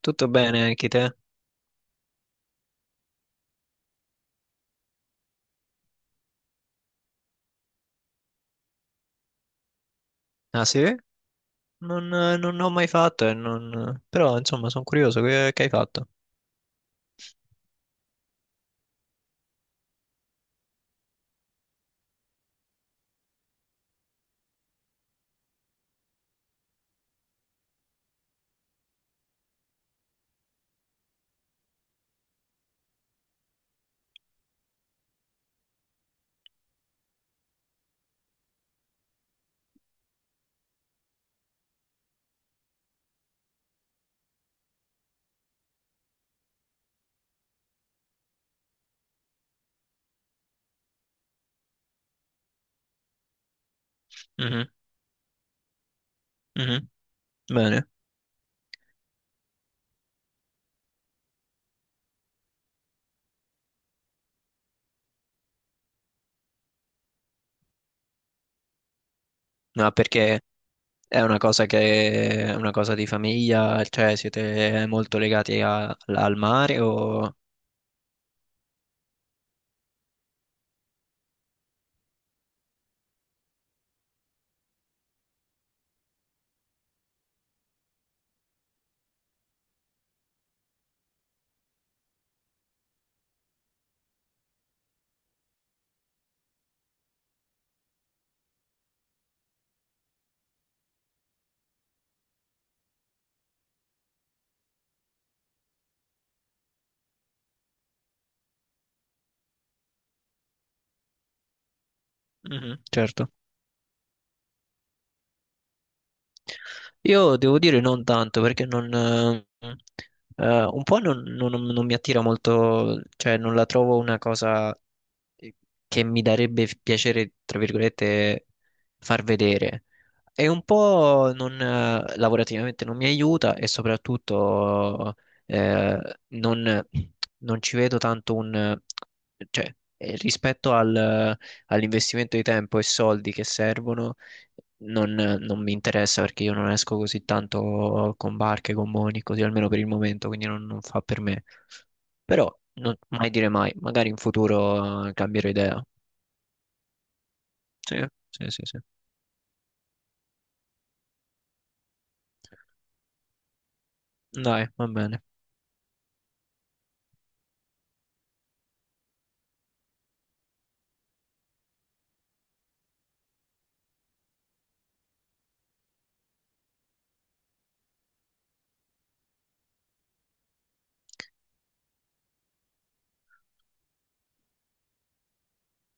Tutto bene anche te? Ah sì? Non ho mai fatto e non... Però insomma sono curioso che hai fatto. Mhm, mhm. Bene. No, perché è una cosa di famiglia, cioè siete molto legati al mare o... Mhm, certo. Io devo dire non tanto perché non, un po' non mi attira molto, cioè non la trovo una cosa eh, che mi darebbe piacere, tra virgolette, far vedere. E un po' non, lavorativamente non mi aiuta e soprattutto eh, non, non ci vedo tanto un... rispetto all'investimento di tempo e soldi che servono non mi interessa perché io non esco così tanto con barche, con moni, così almeno per il momento, quindi non fa per me. Però mai dire mai, magari in futuro cambierò idea. Sì, sì, sì, sì. Dai, va bene.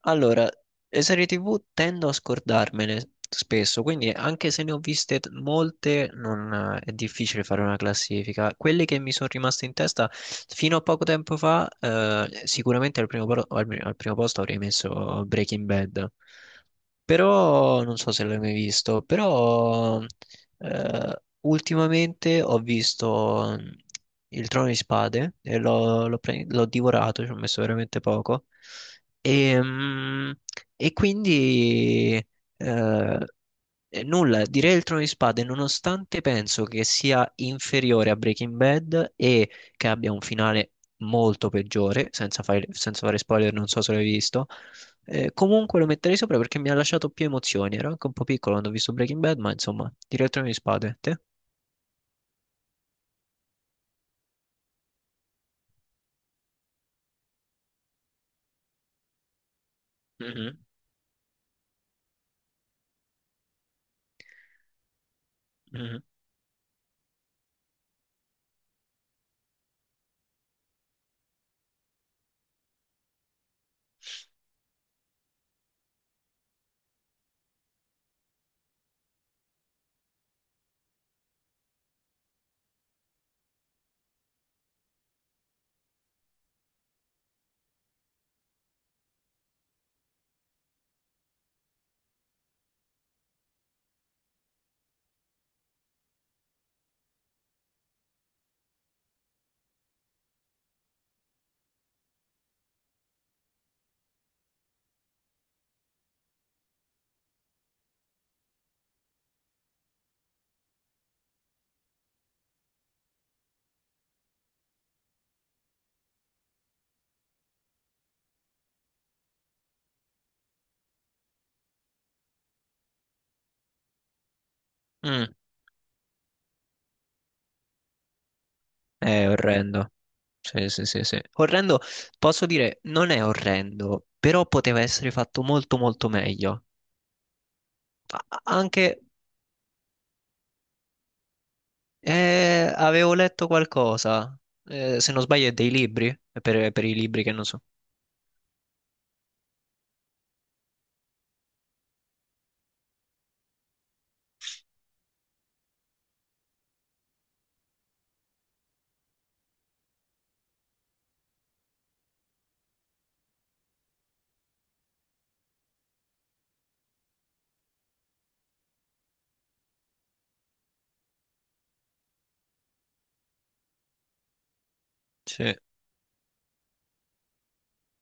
Allora, le serie TV tendo a scordarmele spesso, quindi anche se ne ho viste molte, non è difficile fare una classifica. Quelle che mi sono rimaste in testa fino a poco tempo fa, sicuramente al primo, al primo posto avrei messo Breaking Bad. Però non so se l'hai mai visto, però eh, ultimamente ho visto Il Trono di Spade e l'ho divorato, ci ho messo veramente poco. E, mm, e quindi eh, Direi il Trono di Spade, nonostante penso che sia inferiore a Breaking Bad e che abbia un finale molto peggiore, senza fare spoiler, non so se l'hai visto, comunque lo metterei sopra perché mi ha lasciato più emozioni. Ero anche un po' piccolo quando ho visto Breaking Bad, ma insomma, direi il Trono di Spade. Te? Mhm, mhm. Mm. È orrendo. Sì, sì, sì, sì. Orrendo, posso dire, non è orrendo, però poteva essere fatto molto, molto meglio. A- anche, Avevo letto qualcosa, se non sbaglio, è dei libri, è per i libri che non so. Sì.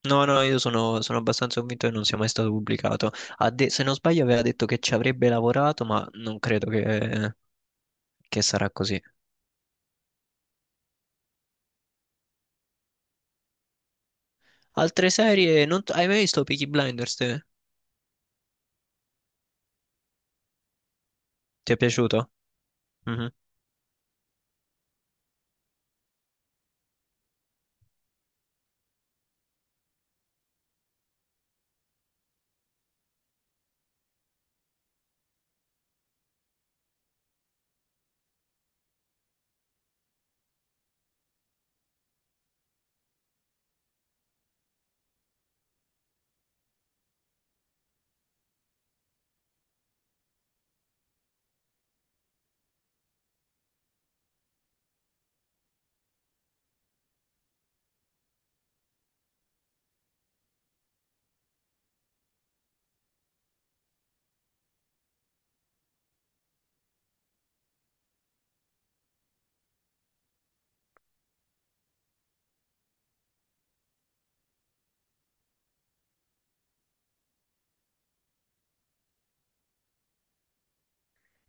No, no, io sono abbastanza convinto che non sia mai stato pubblicato. Se non sbaglio, aveva detto che ci avrebbe lavorato, ma non credo che sarà così. Altre serie, non t- hai mai visto Peaky Blinders? Te? Ti è piaciuto? Mhm.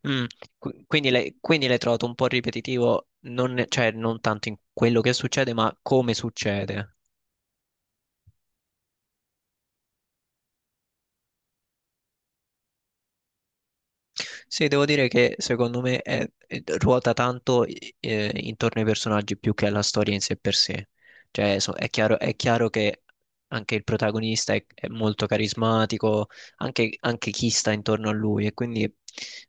Mm, qu- quindi l'hai trovato un po' ripetitivo, non, cioè non tanto in quello che succede, ma come succede. Sì, devo dire che secondo me ruota tanto intorno ai personaggi più che alla storia in sé per sé. Cioè, è chiaro che anche il protagonista è molto carismatico, anche, anche chi sta intorno a lui, e quindi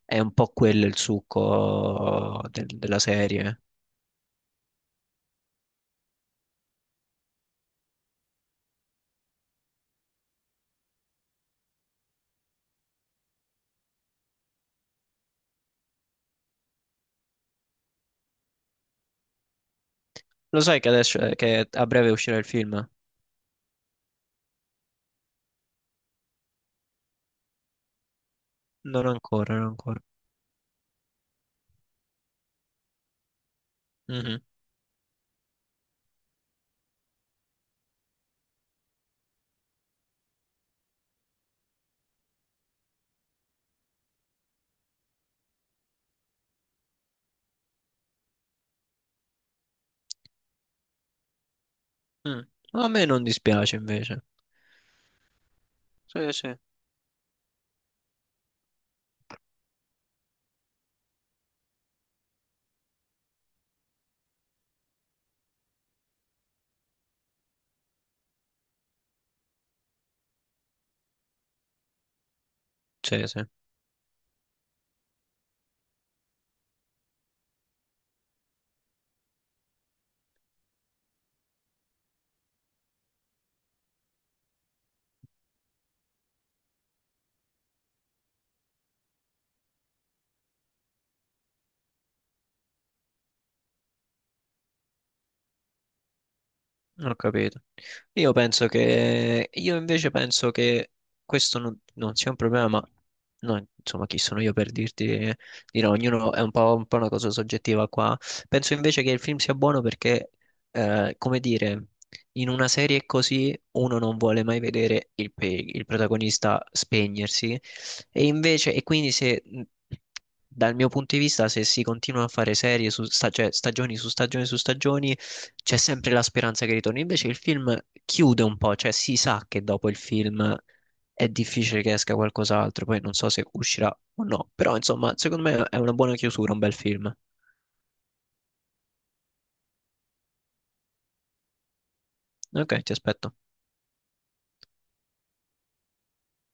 è un po' quello il succo della serie. Lo sai che adesso che a breve uscirà il film? Non ancora, non ancora. Mhm, mm. A me non dispiace invece. Sì, sì. Sì, sì. Ho capito. Io invece penso che questo non, non sia un problema, ma no, insomma, chi sono io per dirti di no? Ognuno è un po' una cosa soggettiva qua. Penso invece che il film sia buono perché, come dire, in una serie così uno non vuole mai vedere il protagonista spegnersi e quindi se. Dal mio punto di vista, se si continua a fare serie su stagioni su stagioni su stagioni, c'è sempre la speranza che ritorni. Invece il film chiude un po', cioè si sa che dopo il film è difficile che esca qualcos'altro. Poi non so se uscirà o no. Però, insomma, secondo me è una buona chiusura, un bel film. Ok, ti aspetto.